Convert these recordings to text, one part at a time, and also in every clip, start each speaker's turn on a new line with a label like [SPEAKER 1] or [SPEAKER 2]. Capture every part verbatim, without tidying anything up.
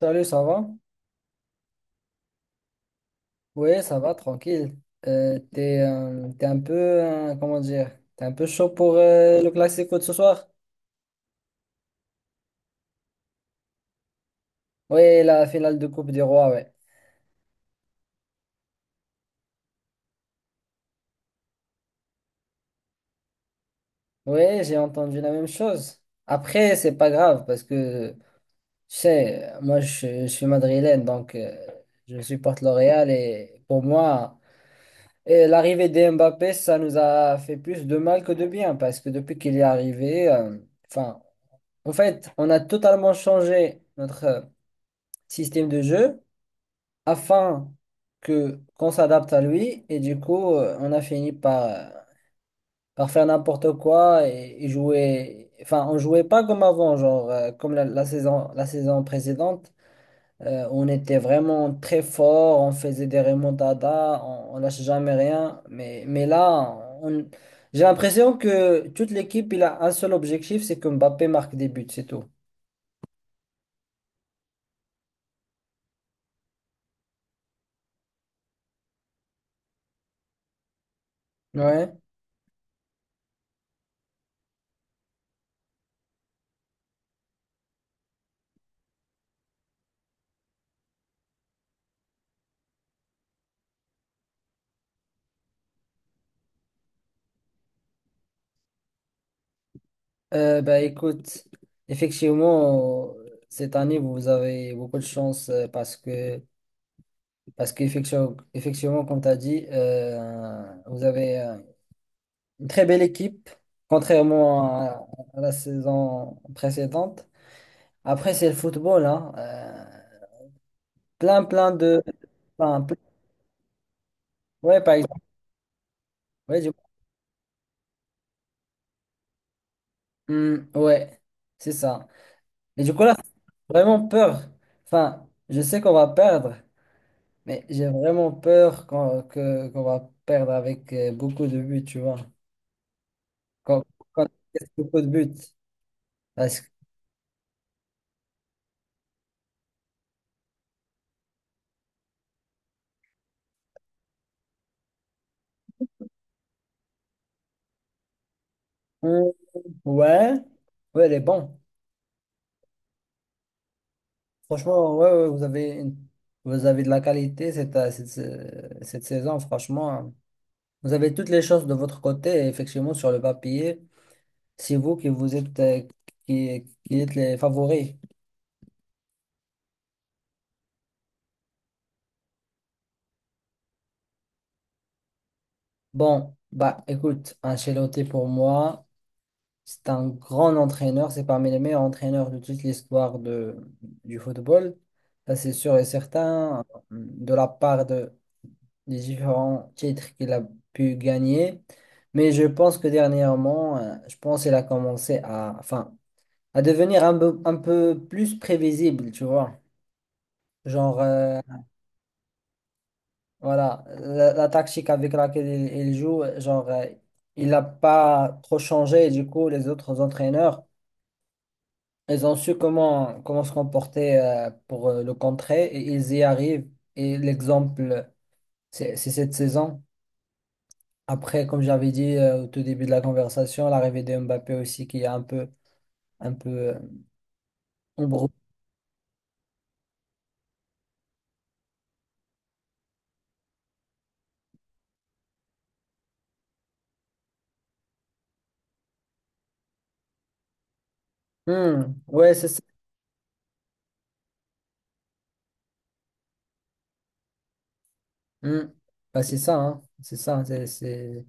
[SPEAKER 1] Salut, ça va? Oui, ça va, tranquille. Euh, t'es, euh, t'es un peu, euh, comment dire, t'es un peu chaud pour euh, le classico de ce soir? Oui, la finale de Coupe du Roi, ouais. Oui, j'ai entendu la même chose. Après, c'est pas grave parce que, tu sais, moi je, je suis madrilène, donc euh, je supporte le Real et pour moi, et l'arrivée de Mbappé, ça nous a fait plus de mal que de bien parce que depuis qu'il est arrivé, euh, enfin, en fait, on a totalement changé notre système de jeu afin que qu'on s'adapte à lui, et du coup euh, on a fini par, euh, par faire n'importe quoi, et, et jouer, enfin, on jouait pas comme avant, genre euh, comme la, la saison la saison précédente. Euh, on était vraiment très fort, on faisait des remontadas, on, on lâchait jamais rien, mais mais là on- j'ai l'impression que toute l'équipe il a un seul objectif, c'est que Mbappé marque des buts, c'est tout. Ouais. Euh, bah, écoute, effectivement, euh, cette année, vous avez beaucoup de chance euh, parce que, parce qu'effectivement, effectivement, comme tu as dit, euh, vous avez euh, une très belle équipe, contrairement à, à la saison précédente. Après, c'est le football, hein. euh, plein, plein de... enfin, plein- ouais, par exemple. Ouais, du- Hum, ouais, c'est ça. Et du coup, là, c'est vraiment peur. Enfin, je sais qu'on va perdre. Mais j'ai vraiment peur qu'on que- qu'on va perdre avec euh, beaucoup de buts, tu vois. Quand, quand il y a beaucoup de buts. Parce que... Hum, ouais, ouais, elle est bon. Franchement, ouais, ouais, vous avez une- vous avez de la qualité cette, euh, cette, euh, cette saison, franchement. Vous avez toutes les chances de votre côté, et effectivement, sur le papier. C'est vous qui vous êtes, euh, qui, qui êtes les favoris. Bon, bah, écoute, Ancelotti pour moi, c'est un grand entraîneur, c'est parmi les meilleurs entraîneurs de toute l'histoire de, du football. Ça, c'est sûr et certain, euh, de la part de, des différents titres qu'il a pu gagner. Mais je pense que dernièrement, euh, je pense qu'il a commencé à, enfin, à devenir un peu, un peu, plus prévisible, tu vois. Genre, euh, voilà, la, la tactique avec laquelle il, il joue, genre, euh, il n'a pas trop changé. Et du coup, les autres entraîneurs, ils ont su comment, comment se comporter euh, pour euh, le contrer, et ils y arrivent. Et l'exemple, c'est c'est cette saison. Après, comme j'avais dit euh, au tout début de la conversation, l'arrivée de Mbappé aussi qui est un peu, un peu euh, embrouillé. Hmm. Ouais, c'est ça. Hmm. Bah, c'est ça, hein. C'est ça, hein. c'est c'est-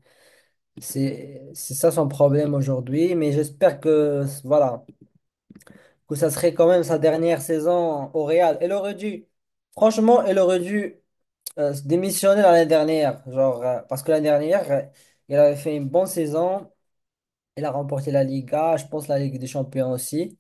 [SPEAKER 1] c'est- c'est ça son problème aujourd'hui. Mais j'espère que, voilà, que ça serait quand même sa dernière saison au Real. Elle aurait dû, franchement, elle aurait dû. euh, démissionné l'année dernière, genre, euh, parce que l'année dernière, euh, il avait fait une bonne saison, il a remporté la Liga, je pense la Ligue des Champions aussi.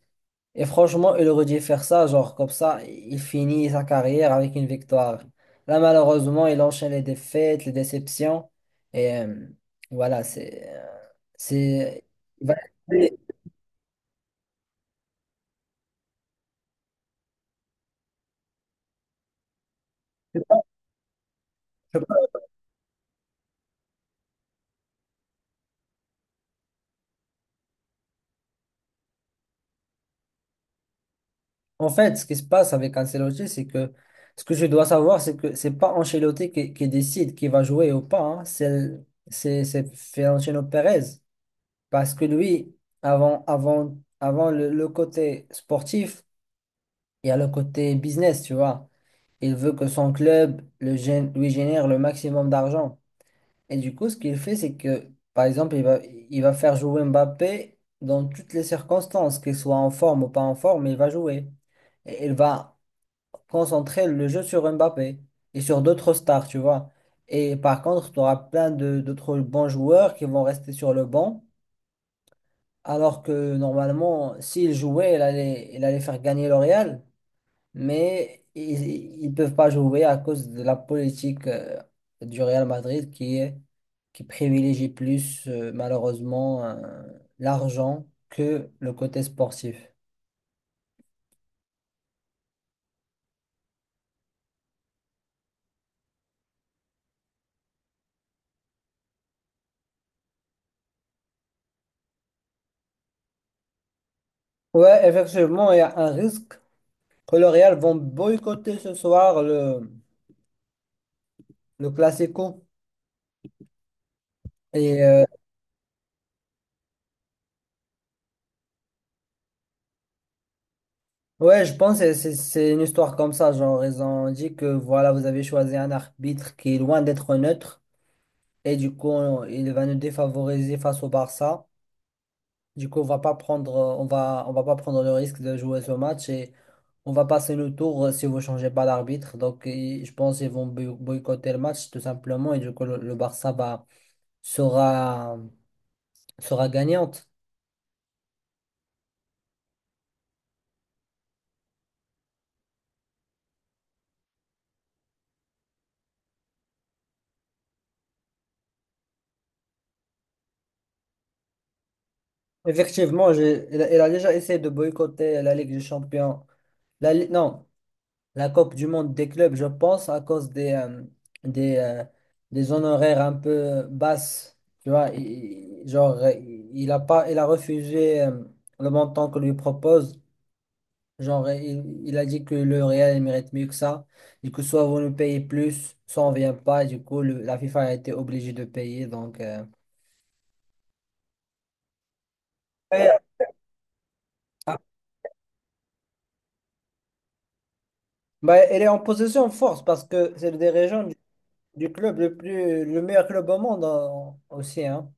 [SPEAKER 1] Et franchement, il aurait dû faire ça, genre, comme ça, il finit sa carrière avec une victoire. Là, malheureusement, il enchaîne les défaites, les déceptions, et euh, voilà, c'est. euh, c'est. il va- Je En fait, ce qui se passe avec Ancelotti, c'est que ce que je dois savoir, c'est que c'est pas Ancelotti qui, qui décide qui va jouer ou pas. hein. C'est c'est c'est Florentino Pérez, parce que lui, avant avant avant le, le côté sportif, il y a le côté business, tu vois. Il veut que son club le gén- lui génère le maximum d'argent. Et du coup, ce qu'il fait, c'est que, par exemple, il va il va faire jouer Mbappé dans toutes les circonstances, qu'il soit en forme ou pas en forme, il va jouer. Et il va concentrer le jeu sur Mbappé et sur d'autres stars, tu vois. Et par contre, tu auras plein de d'autres bons joueurs qui vont rester sur le banc, alors que normalement, s'ils jouaient, il allait, il allait faire gagner le Real, mais ils ne peuvent pas jouer à cause de la politique euh, du Real Madrid qui est, qui privilégie plus, euh, malheureusement, euh, l'argent que le côté sportif. Ouais, effectivement, il y a un risque que le Real vont boycotter ce soir le, le Classico. Et euh, ouais, je pense que c'est c'est une histoire comme ça. Genre, ils ont dit que voilà, vous avez choisi un arbitre qui est loin d'être neutre. Et du coup, on- il va nous défavoriser face au Barça. Du coup, on va pas prendre, on va, on va pas prendre le risque de jouer ce match, et on va passer le tour euh, si vous changez pas d'arbitre. Donc, ils- je pense qu'ils vont boy- boycotter le match tout simplement. Et du coup, le, le Barça va, sera, sera gagnante. Effectivement, j'ai- elle, a elle a déjà essayé de boycotter la Ligue des Champions. La, Li- non, la Coupe du Monde des clubs, je pense, à cause des, euh, des, euh, des honoraires un peu basses. Tu vois, il, il- genre, euh, il a pas, il a refusé euh, le montant que lui propose. Genre, il, il a dit que le Real, il mérite mieux que ça. Du coup, soit vous nous payez plus, soit on vient pas. Et du coup, le- la FIFA a été obligée de payer. Donc, euh, ouais. Bah, elle est en possession de force parce que c'est le dirigeant du club le plus, le meilleur club au monde, hein, aussi, hein.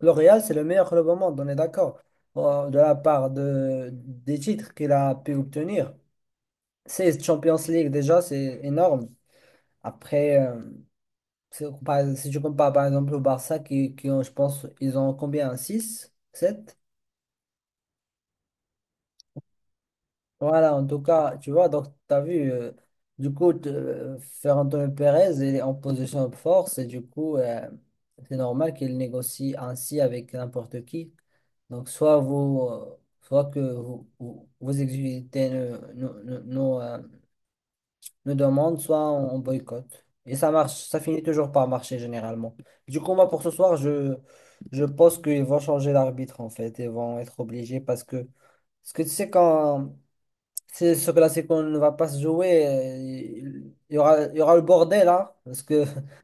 [SPEAKER 1] Le Real, c'est le meilleur club au monde, on est d'accord. Bon, de la part de, des titres qu'il a pu obtenir. seize Champions League, déjà, c'est énorme. Après, euh, c'est- par- si tu compares par exemple au Barça, qui, qui ont, je pense, ils ont combien? Six, sept? Voilà, en tout cas, tu vois, donc tu as vu, euh, du coup, te- euh, Ferran Pérez, il est en position de force, et du coup, euh, c'est normal qu'il négocie ainsi avec n'importe qui. Donc, soit vous, euh, soit que vous, vous, vous exécutez nos, nos- nos- nos, euh, nos demandes, soit on, on boycotte. Et ça marche, ça finit toujours par marcher généralement. Du coup, moi, pour ce soir, je, je pense qu'ils vont changer l'arbitre en fait, et vont être obligés parce que... Parce que tu sais, quand, c'est, ce classico ne va pas se jouer. euh, Il il y aura, il y aura le bordel, là. Parce que...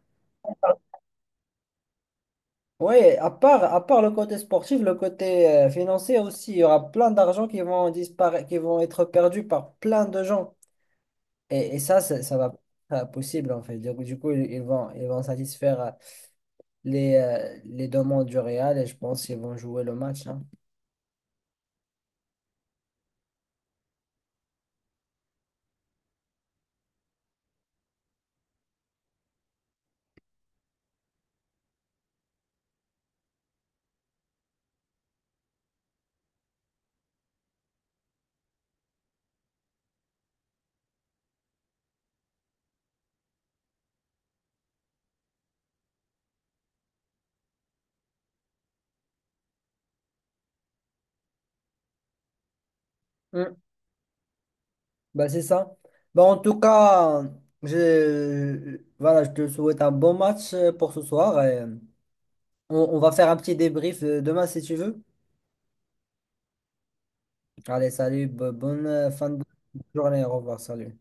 [SPEAKER 1] oui, à part, à part, le côté sportif, le côté euh, financier aussi, il y aura plein d'argent qui vont disparaître, qui vont être perdus par plein de gens. Et, et ça, ça, ça va pas être possible, en fait. Donc, du coup, ils, ils vont, ils vont satisfaire euh, les, euh, les demandes du Real, et je pense qu'ils vont jouer le match. hein. Mm. Bah, c'est ça. Bah, en tout cas, je, voilà, je te souhaite un bon match euh, pour ce soir. Et On, on va faire un petit débrief euh, demain si tu veux. Allez, salut, bo- bonne euh, fin de journée, au revoir, salut.